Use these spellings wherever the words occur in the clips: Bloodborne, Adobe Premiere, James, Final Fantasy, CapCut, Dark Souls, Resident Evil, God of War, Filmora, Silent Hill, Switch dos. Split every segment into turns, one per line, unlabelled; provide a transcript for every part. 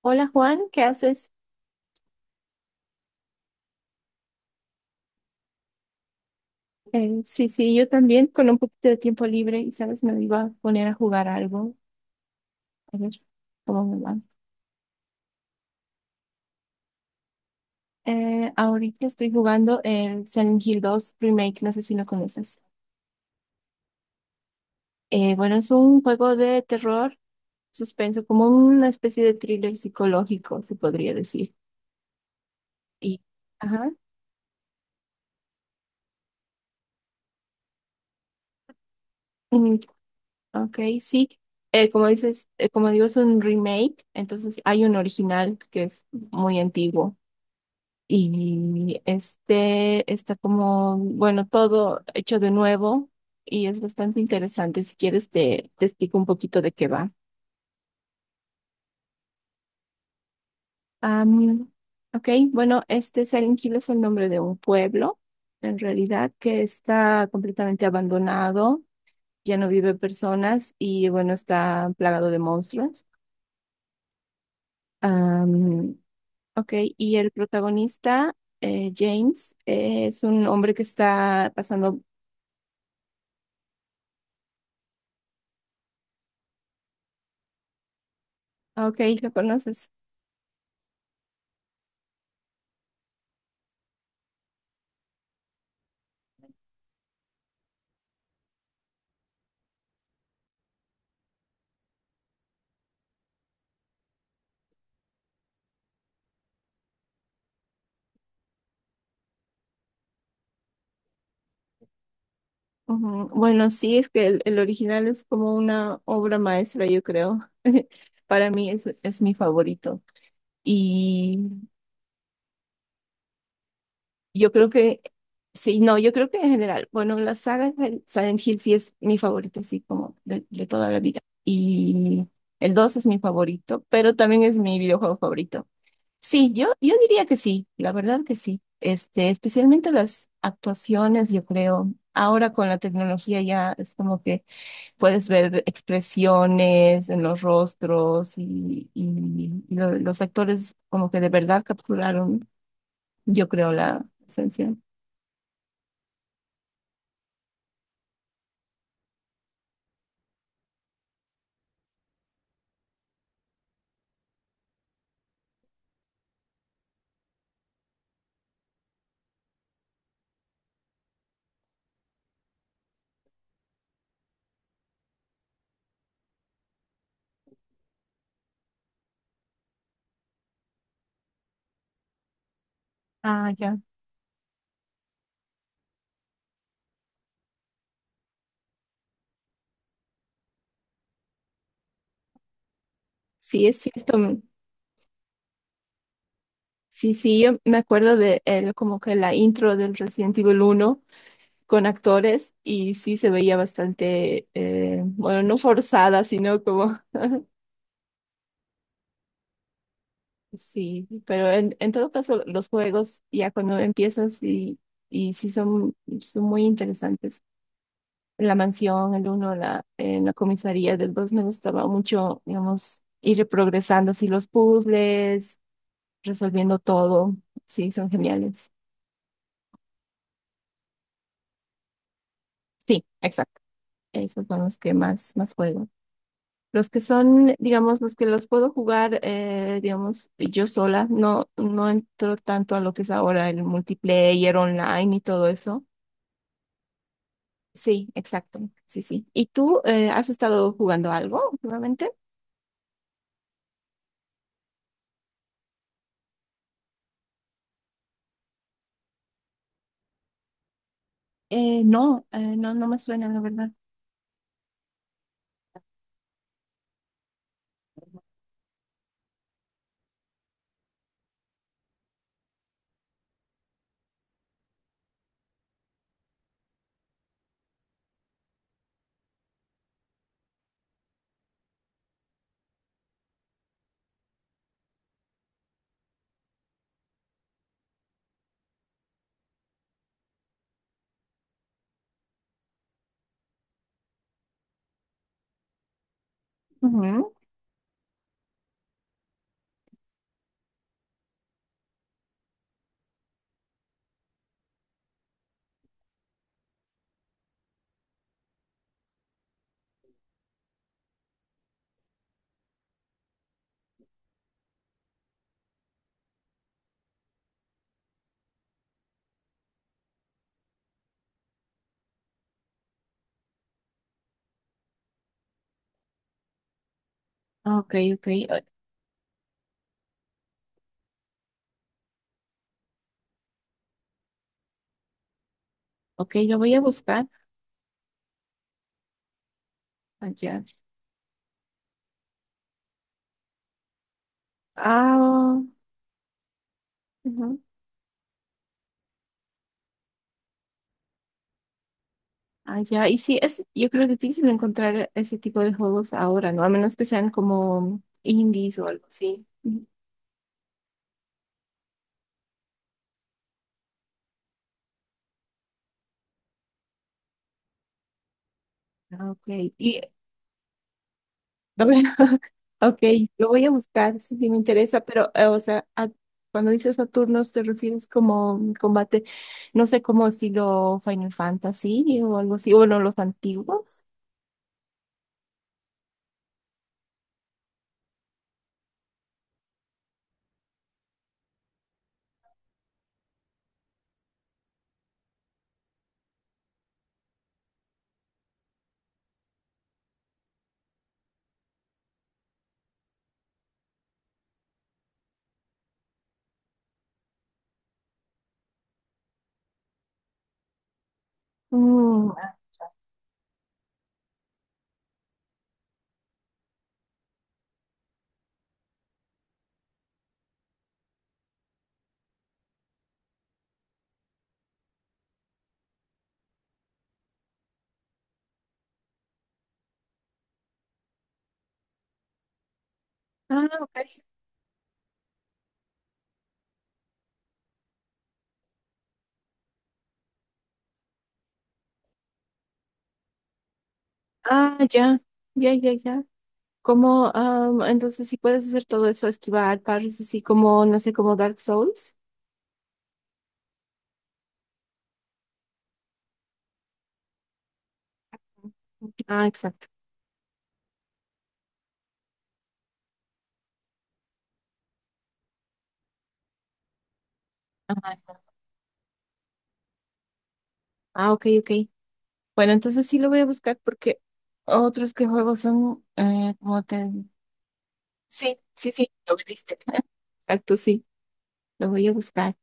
Hola Juan, ¿qué haces? Sí, sí, yo también con un poquito de tiempo libre y sabes, me iba a poner a jugar algo. A ver cómo me va. Ahorita estoy jugando el Silent Hill dos Remake, no sé si lo conoces. Bueno, es un juego de terror, suspenso, como una especie de thriller psicológico, se podría decir. Y, ajá, mm, ok, sí. Como dices, como digo, es un remake, entonces hay un original que es muy antiguo. Y este está como, bueno, todo hecho de nuevo y es bastante interesante. Si quieres, te explico un poquito de qué va. Am, ok, bueno, este Silent Hill es el nombre de un pueblo, en realidad, que está completamente abandonado, ya no vive personas y bueno, está plagado de monstruos. Am, ok, y el protagonista, James, es un hombre que está pasando... Ah, ok, lo conoces. Ujú. Bueno, sí, es que el original es como una obra maestra, yo creo. Para mí es mi favorito. Y yo creo que, sí, no, yo creo que en general, bueno, la saga de Silent Hill sí es mi favorita, sí como de toda la vida. Y el 2 es mi favorito, pero también es mi videojuego favorito. Sí, yo diría que sí, la verdad que sí. Este, especialmente las actuaciones, yo creo. Ahora con la tecnología ya es como que puedes ver expresiones en los rostros y los actores como que de verdad capturaron, yo creo, la esencia. Ah, ya. Sí, es cierto. Sí, sí, yo me acuerdo como que la intro del Resident Evil uno con actores y sí se veía bastante, bueno, no forzada, sino como... Sí, pero en, todo caso los juegos ya cuando empiezas y sí son, muy interesantes. En la mansión, el uno en la comisaría del dos me gustaba mucho, digamos, ir progresando así los puzzles, resolviendo todo. Sí, son geniales. Sí, exacto. Esos son los que más, más juego. Los que son, digamos, los que los puedo jugar, digamos, yo sola, no, no entro tanto a lo que es ahora el multiplayer online y todo eso. Sí, exacto. Sí, sí. ¿Y tú, has estado jugando algo últimamente? No, no, no me suena, la verdad. Ujú. Ah, ok, ok, ok, lo voy a buscar allá. Ah, ujú, allá. Y sí, yo creo que es difícil encontrar ese tipo de juegos ahora, ¿no? A menos que sean como indies o algo así. Ujú. Ah, ok, y no, bueno, ok, lo voy a buscar si sí me interesa, pero, o sea, cuando dices Saturnos, ¿te refieres como un combate, no sé, como estilo Final Fantasy o algo así? O bueno, los antiguos. Mm, ah, ok. Ah, ya, ya, ya, ya. Como, entonces si puedes hacer todo eso, esquivar, pares así como, no sé, como Dark Souls. Ah, exacto. Ajá. Ah, ok, ok. Bueno, entonces sí lo voy a buscar porque otros que juego son, como te... Sí, sí, sí, lo viste. Exacto, sí, lo voy a buscar.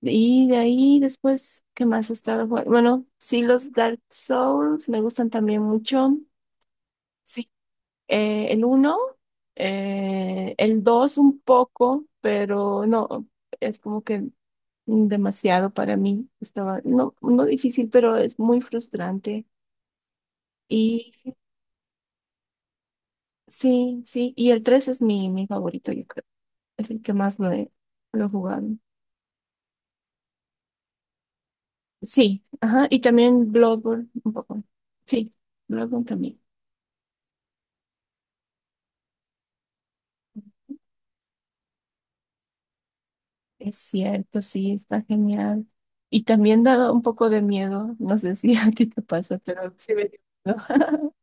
Y de ahí después, ¿qué más he estado jugando? Bueno, sí, los Dark Souls me gustan también mucho. Sí. El 1, el 2 un poco, pero no, es como que demasiado para mí. Estaba, no, no difícil, pero es muy frustrante. Y sí, sí, y el tres es mi favorito, yo creo. Es el que más lo he jugado. Sí, ajá, y también Bloodborne un poco. Sí, Bloodborne también. Es cierto, sí, está genial. Y también da un poco de miedo, no sé si a ti te pasa, pero sí me dio miedo.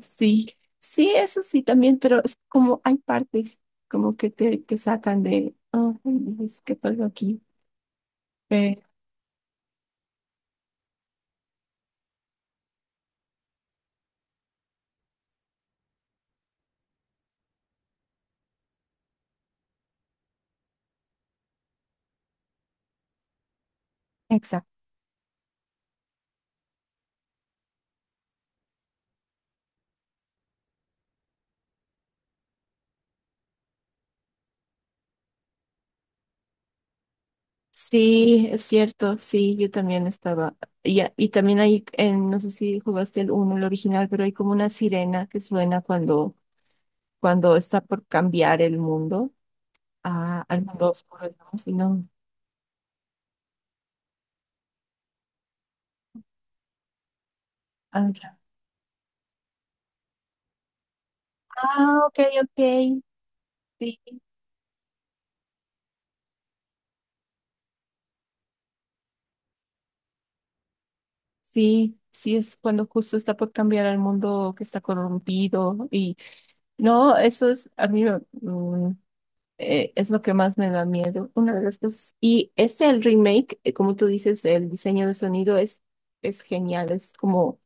Sí, sí, eso sí también, pero es como hay partes como que te sacan de, oh, dices, ¿qué pasó aquí? Eh, Exacto. Sí, es cierto, sí, yo también estaba, y también hay, no sé si jugaste el uno, el original, pero hay como una sirena que suena cuando, cuando está por cambiar el mundo al mundo oscuro, ¿no? Si no, ah, ya. Ah, ok, ok. Sí, sí, sí, es cuando justo está por cambiar al mundo que está corrompido y no, eso es, a mí es lo que más me da miedo, una de las cosas. Y este, el remake, como tú dices, el diseño de sonido es genial, es como,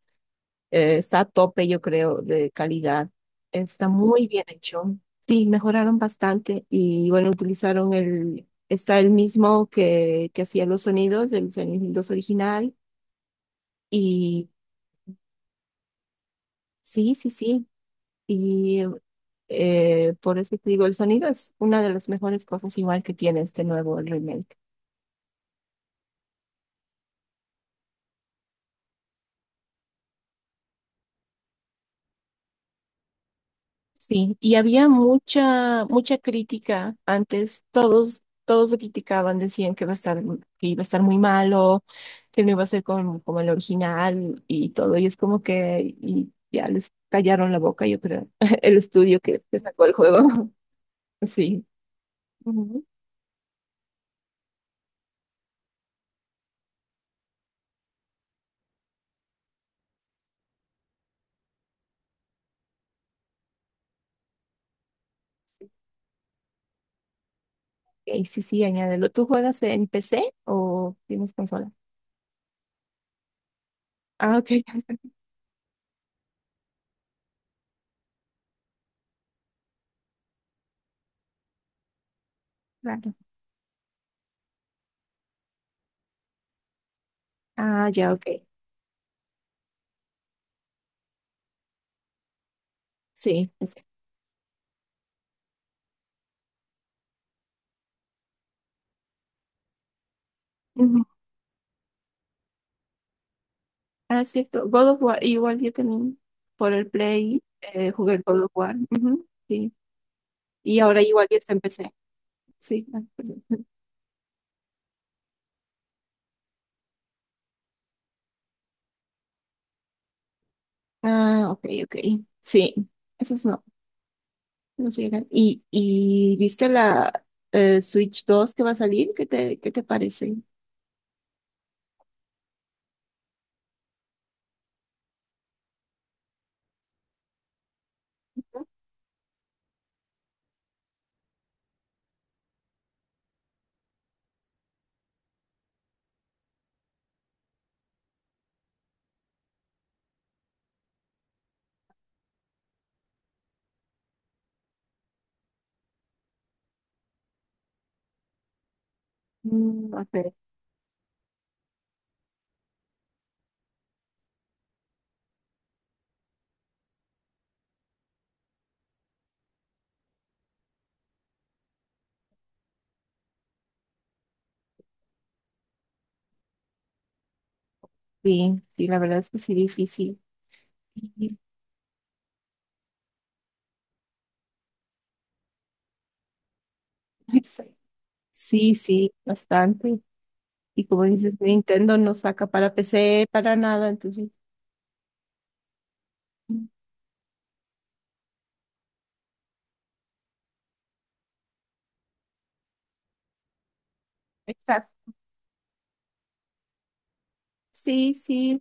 está a tope, yo creo, de calidad. Está muy bien hecho. Sí, mejoraron bastante y bueno, utilizaron está el mismo que hacía los sonidos, el sonidos original. Y sí, sí, sí. Y por eso te digo, el sonido es una de las mejores cosas igual que tiene este nuevo remake. Sí, y había mucha, mucha crítica antes. Todos, todos lo criticaban, decían que iba a estar muy malo, que no iba a ser como, como el original y todo. Y es como que y ya les callaron la boca, yo creo, el estudio que sacó el juego. Sí. Ujú. Y sí, sí, añádelo. ¿Tú juegas en PC o tienes consola? Ah, ok, ya está, claro. Ah, ya, ok. Sí. Ujú. Ah, es cierto. God of War, igual yo también por el Play jugué God of War. Ujú, sí. Y ahora igual yo está en PC. Sí. Ah, perdón. Ah, ok, ok. Sí. Esos no, no llegan. ¿Y viste la Switch dos que va a salir? ¿Qué te parece? Mm, ok. Sí, sí, la verdad es que sí, difícil. Y- Sí, sí, bastante. Y como dices, Nintendo no saca para PC, para nada, entonces. Exacto. Sí, sí,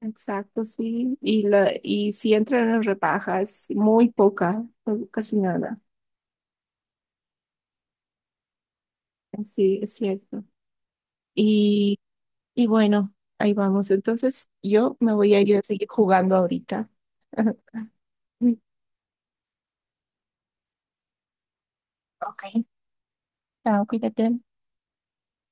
exacto, sí. Y si entran en rebajas, muy poca, o casi nada. Sí, es cierto. Y, y bueno, ahí vamos. Entonces, yo me voy a ir a seguir jugando ahorita. Ok, chao, cuídate.